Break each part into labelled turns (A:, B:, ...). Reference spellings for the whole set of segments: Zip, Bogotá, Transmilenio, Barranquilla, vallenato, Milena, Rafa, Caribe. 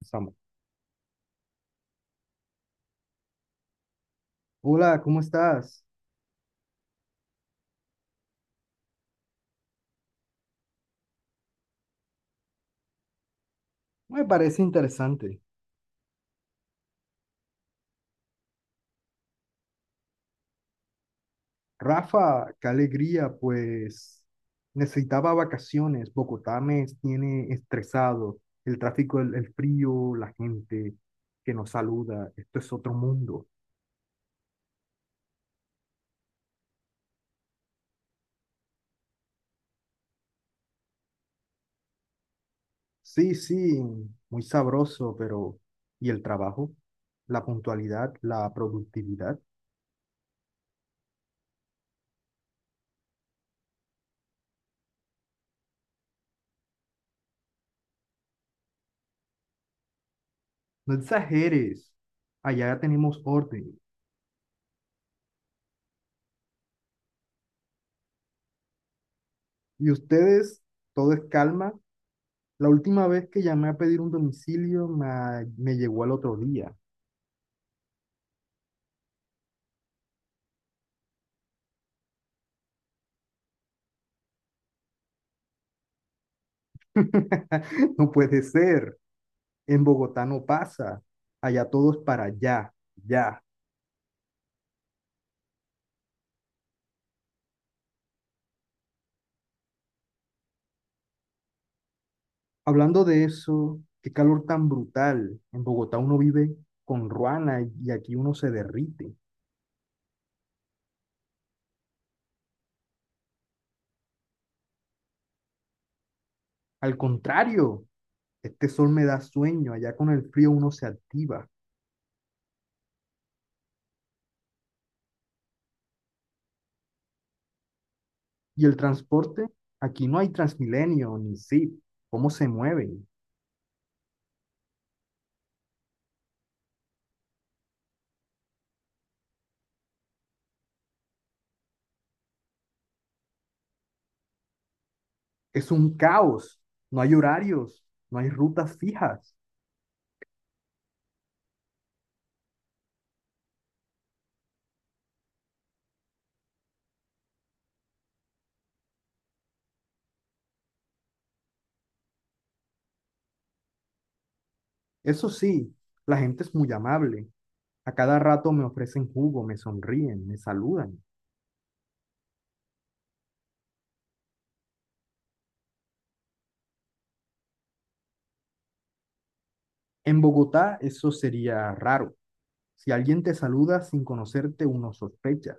A: Estamos. Hola, ¿cómo estás? Me parece interesante. Rafa, qué alegría, pues necesitaba vacaciones. Bogotá me tiene estresado. El tráfico, el frío, la gente que nos saluda. Esto es otro mundo. Sí, sí, muy sabroso, pero ¿y el trabajo? La puntualidad, la productividad. No exageres. Allá ya tenemos orden. Y ustedes, todo es calma. La última vez que llamé a pedir un domicilio me llegó al otro día. No puede ser. En Bogotá no pasa. Allá todos para allá, ya. Hablando de eso, qué calor tan brutal. En Bogotá uno vive con ruana y aquí uno se derrite. Al contrario, este sol me da sueño. Allá con el frío uno se activa. Y el transporte, aquí no hay Transmilenio ni Zip. ¿Cómo se mueven? Es un caos, no hay horarios, no hay rutas fijas. Eso sí, la gente es muy amable. A cada rato me ofrecen jugo, me sonríen, me saludan. En Bogotá eso sería raro. Si alguien te saluda sin conocerte, uno sospecha.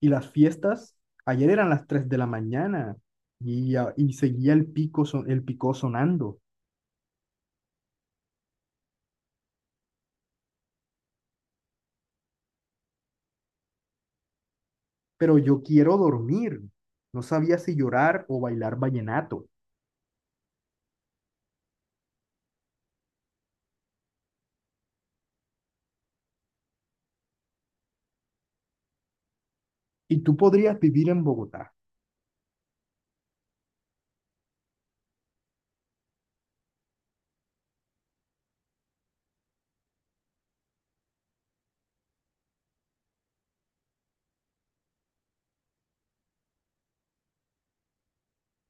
A: Y las fiestas, ayer eran las 3 de la mañana y, y seguía el el picó sonando. Pero yo quiero dormir. No sabía si llorar o bailar vallenato. Y tú podrías vivir en Bogotá.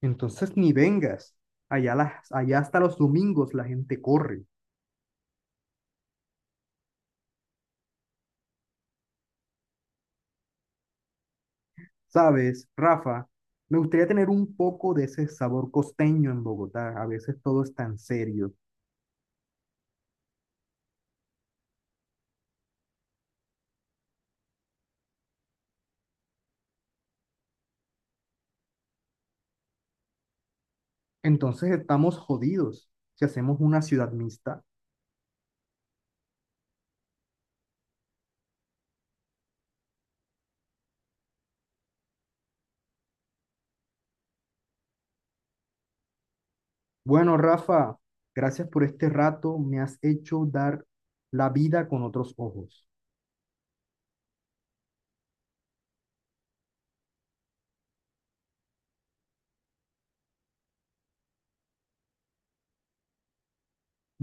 A: Entonces ni vengas. Allá, allá hasta los domingos la gente corre. ¿Sabes, Rafa? Me gustaría tener un poco de ese sabor costeño en Bogotá. A veces todo es tan serio. Entonces estamos jodidos si hacemos una ciudad mixta. Bueno, Rafa, gracias por este rato. Me has hecho dar la vida con otros ojos.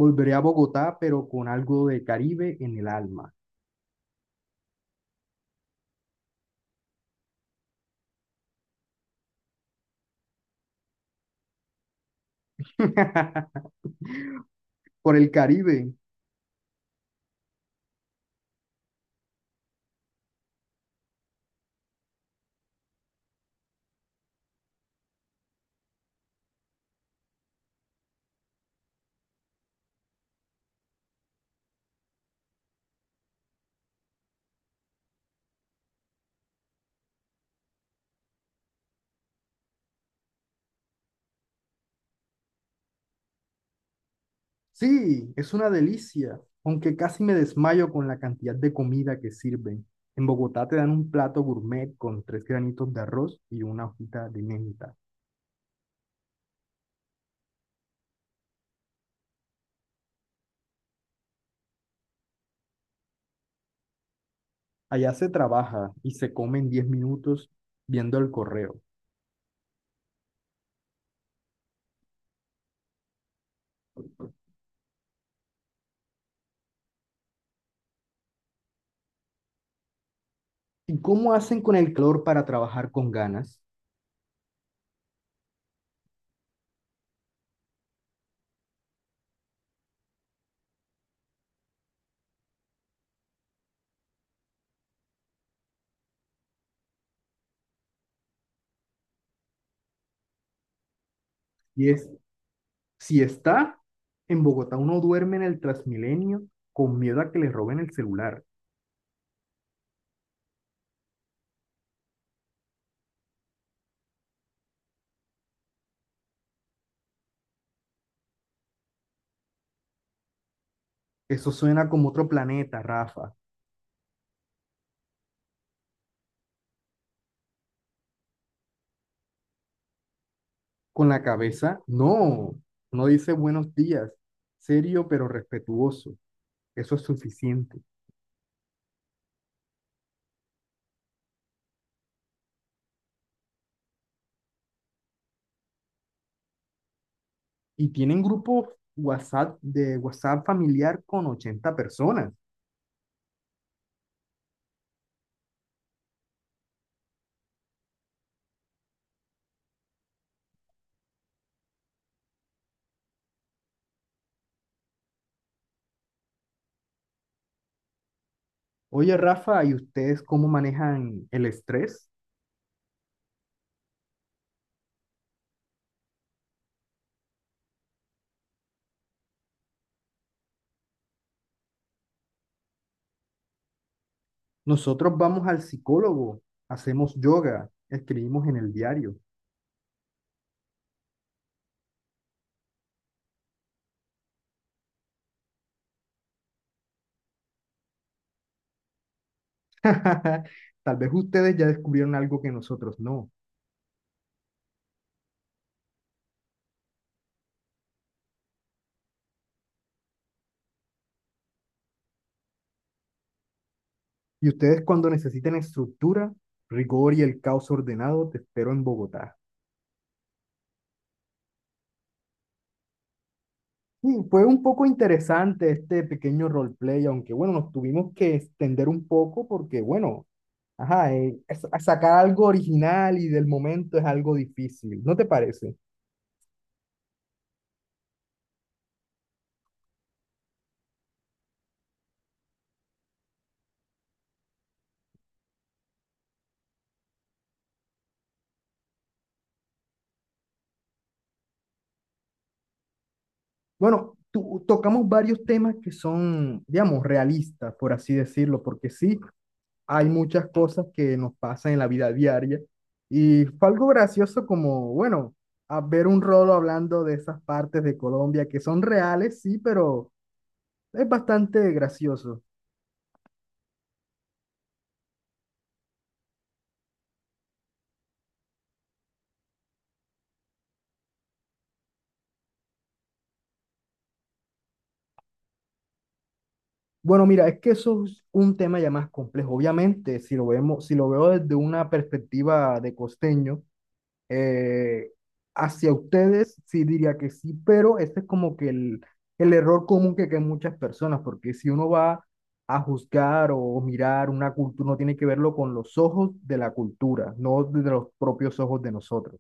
A: Volveré a Bogotá, pero con algo de Caribe en el alma. Por el Caribe. Sí, es una delicia, aunque casi me desmayo con la cantidad de comida que sirven. En Bogotá te dan un plato gourmet con tres granitos de arroz y una hojita de menta. Allá se trabaja y se come en 10 minutos viendo el correo. ¿Y cómo hacen con el calor para trabajar con ganas? Y es, si está en Bogotá, uno duerme en el Transmilenio con miedo a que le roben el celular. Eso suena como otro planeta, Rafa. Con la cabeza, no, no dice buenos días, serio pero respetuoso, eso es suficiente. Y tienen grupo WhatsApp de WhatsApp familiar con 80 personas. Oye, Rafa, ¿y ustedes cómo manejan el estrés? Nosotros vamos al psicólogo, hacemos yoga, escribimos en el diario. Tal vez ustedes ya descubrieron algo que nosotros no. Y ustedes cuando necesiten estructura, rigor y el caos ordenado, te espero en Bogotá. Sí, fue un poco interesante este pequeño roleplay, aunque bueno, nos tuvimos que extender un poco porque bueno, ajá, sacar algo original y del momento es algo difícil, ¿no te parece? Bueno, tocamos varios temas que son, digamos, realistas, por así decirlo, porque sí, hay muchas cosas que nos pasan en la vida diaria y fue algo gracioso como, bueno, a ver un rolo hablando de esas partes de Colombia que son reales, sí, pero es bastante gracioso. Bueno, mira, es que eso es un tema ya más complejo. Obviamente, si lo vemos, si lo veo desde una perspectiva de costeño, eh, hacia ustedes sí diría que sí, pero ese es como que el error común que hay muchas personas, porque si uno va a juzgar o mirar una cultura, uno tiene que verlo con los ojos de la cultura, no desde los propios ojos de nosotros.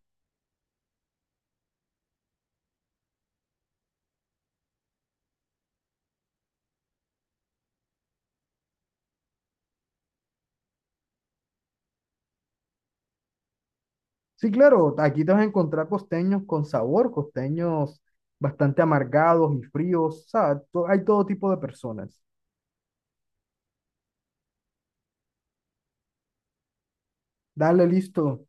A: Sí, claro, aquí te vas a encontrar costeños con sabor, costeños bastante amargados y fríos, o sea, hay todo tipo de personas. Dale, listo.